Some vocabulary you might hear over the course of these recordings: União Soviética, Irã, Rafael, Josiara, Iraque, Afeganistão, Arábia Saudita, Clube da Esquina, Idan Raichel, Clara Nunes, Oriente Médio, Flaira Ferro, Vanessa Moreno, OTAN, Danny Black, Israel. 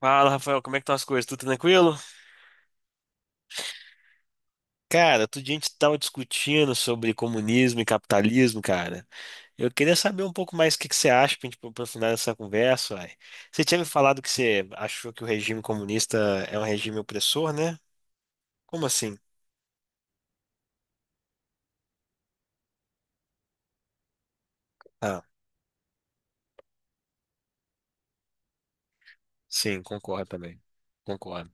Fala, Rafael, como é que estão as coisas? Tudo tranquilo? Cara, outro dia a gente estava discutindo sobre comunismo e capitalismo, cara. Eu queria saber um pouco mais o que que você acha para a gente aprofundar essa conversa, uai. Você tinha me falado que você achou que o regime comunista é um regime opressor, né? Como assim? Ah, sim, concordo também. Concordo,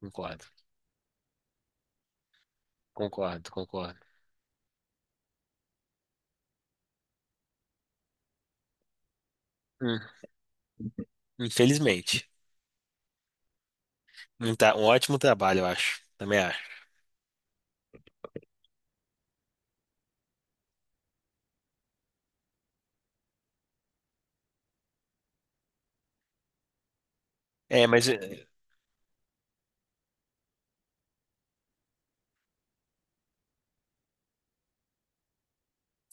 concordo, concordo, concordo. Hum, Infelizmente. Tá, um ótimo trabalho, eu acho. Também acho. É, mas...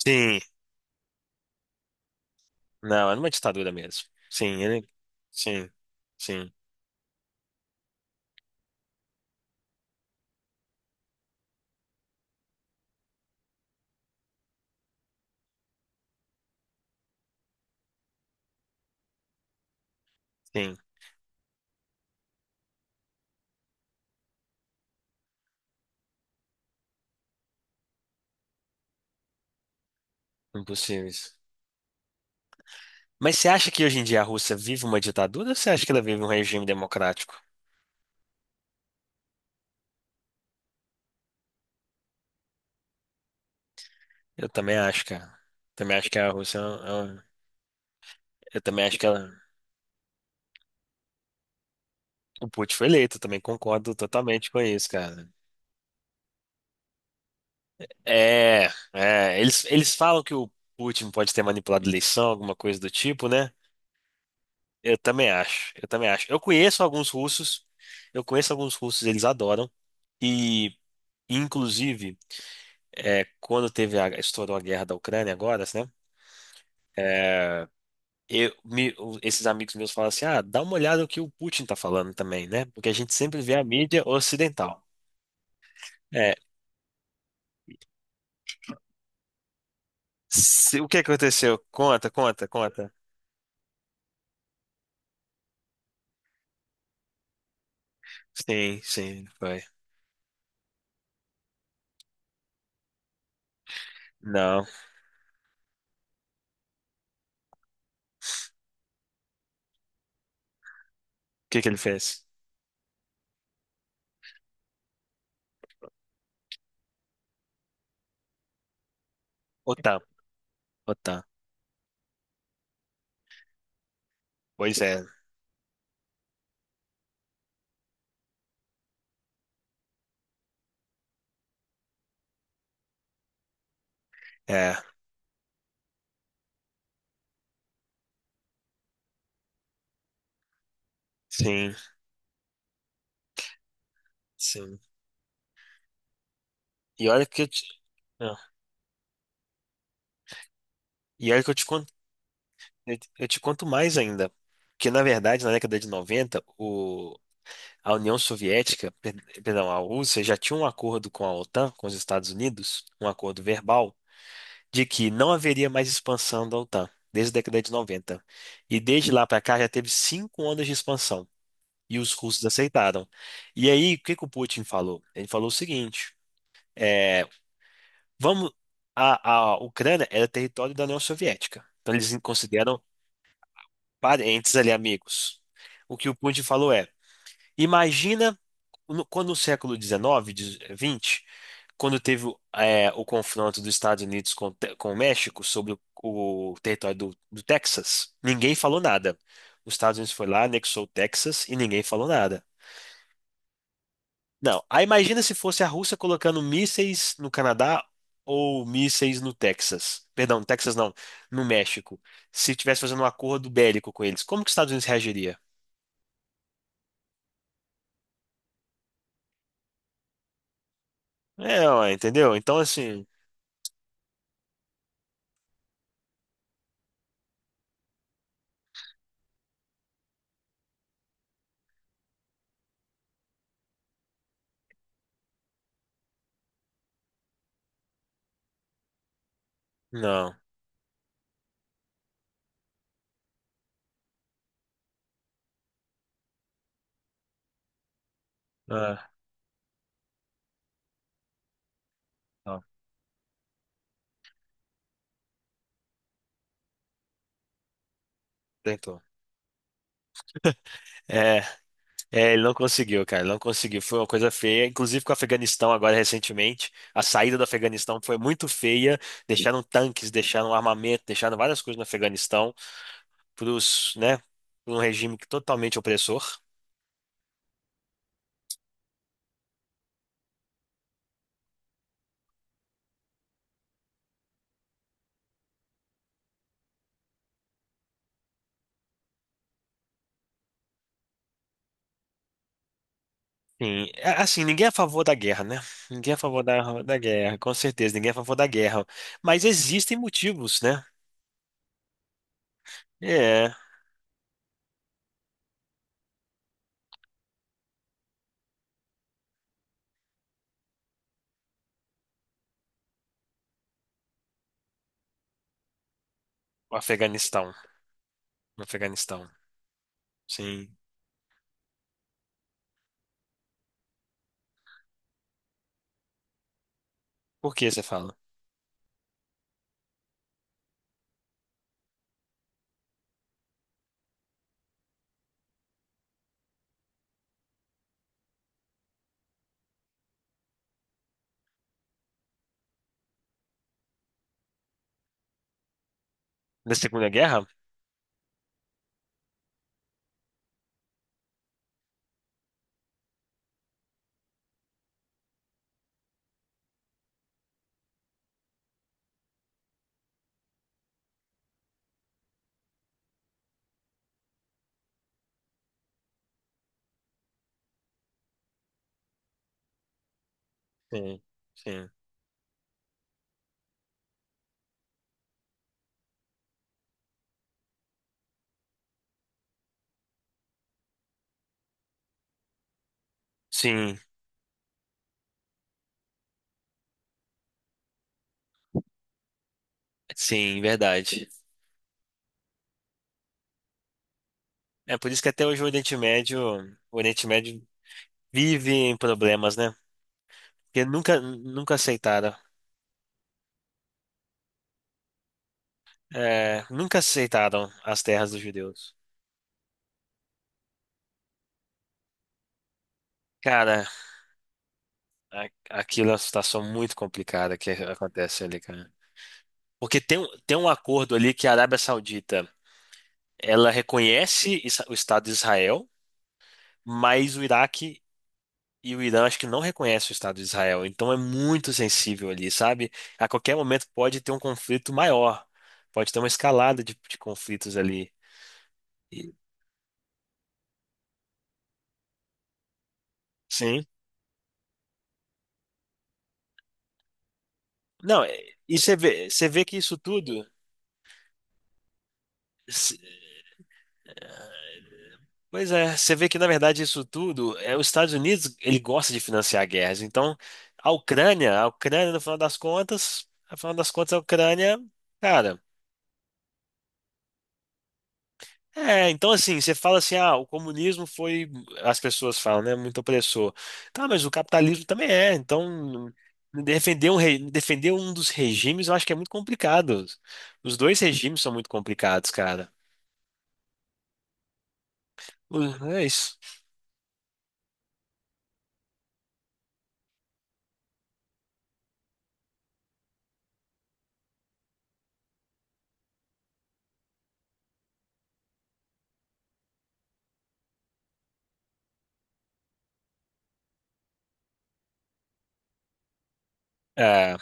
sim, não, era uma ditadura mesmo. Sim, ele... sim, sim, sim. Impossível. Mas você acha que hoje em dia a Rússia vive uma ditadura ou você acha que ela vive um regime democrático? Eu também acho, cara. Também acho que a Rússia é um- eu também acho que ela... o Putin foi eleito, eu também concordo totalmente com isso, cara. É, eles, eles falam que o Putin pode ter manipulado a eleição, alguma coisa do tipo, né? Eu também acho, eu também acho. Eu conheço alguns russos, eu conheço alguns russos, eles adoram, e inclusive. É, quando teve a, estourou a guerra da Ucrânia agora, né? Eu, me- o- esses amigos meus falaram assim, ah, dá uma olhada no que o Putin tá falando também, né? Porque a gente sempre vê a mídia ocidental. É, se- o que aconteceu? Conta, conta, conta. Sim, sim, foi. Não. O que que ele fez? OTAN, OTAN. Pois é. É, sim, sim. E olha que eu te, ah, e olha que eu te conto, eu te conto mais ainda. Que na verdade, na década de 90 o, a União Soviética, per- perdão, a Rússia já tinha um acordo com a OTAN, com os Estados Unidos, um acordo verbal, de que não haveria mais expansão da OTAN, desde a década de 90. E desde lá para cá já teve cinco ondas de expansão. E os russos aceitaram. E aí, o que que o Putin falou? Ele falou o seguinte: é, vamos. A Ucrânia era território da União Soviética. Então, eles consideram parentes ali, amigos. O que o Putin falou é. Imagina no- quando no século XIX, de- XX, quando teve o confronto dos Estados Unidos com, o Te- com o México sobre o território do, do Texas, ninguém falou nada. Os Estados Unidos foi lá, anexou o Texas e ninguém falou nada. Não, aí imagina se fosse a Rússia colocando mísseis no Canadá ou mísseis no Texas. Perdão, no Texas não, no México. Se tivesse fazendo um acordo bélico com eles, como que os Estados Unidos reagiria? É, ó, entendeu? Então, assim, não. Ah, não, tentou. É. É, ele não conseguiu, cara, não conseguiu. Foi uma coisa feia. Inclusive com o Afeganistão agora recentemente, a saída do Afeganistão foi muito feia. Deixaram tanques, deixaram armamento, deixaram várias coisas no Afeganistão para os, né, pra um regime que totalmente opressor. Sim, é, assim, ninguém é a favor da guerra, né? Ninguém é a favor da, da guerra, com certeza, ninguém é a favor da guerra. Mas existem motivos, né? É, o Afeganistão, o Afeganistão. Sim. Por que você fala? Da Segunda Guerra? Sim, sim. Sim. Sim, verdade. É por isso que até hoje o Oriente Médio vive em problemas, né? Porque nunca, nunca aceitaram, nunca aceitaram as terras dos judeus. Cara, a- aquilo é uma situação muito complicada que acontece ali, cara. Porque tem um acordo ali que a Arábia Saudita, ela reconhece Isra- o Estado de Israel, mas o Iraque e o Irã acho que não reconhece o Estado de Israel, então é muito sensível ali, sabe? A qualquer momento pode ter um conflito maior, pode ter uma escalada de conflitos ali. E- sim. Não, é- e você vê que isso tudo. Se- pois é, você vê que na verdade isso tudo é os Estados Unidos, ele gosta de financiar guerras. Então, a Ucrânia no final das contas, no final das contas a Ucrânia, cara. É, então assim, você fala assim, ah, o comunismo foi, as pessoas falam, né, muito opressor. Tá, mas o capitalismo também é, então defender um, re- defender um dos regimes eu acho que é muito complicado. Os dois regimes são muito complicados, cara. É isso. É,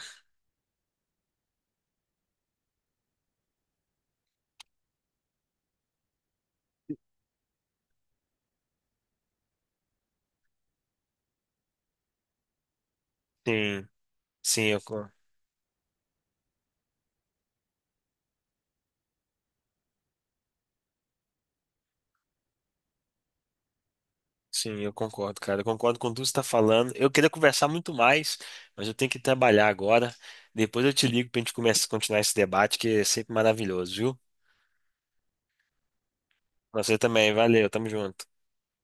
sim, sim, eu, con- sim, eu concordo, cara. Eu concordo com tudo que você está falando. Eu queria conversar muito mais, mas eu tenho que trabalhar agora. Depois eu te ligo pra gente começar, continuar esse debate, que é sempre maravilhoso, viu? Você também, valeu, tamo junto.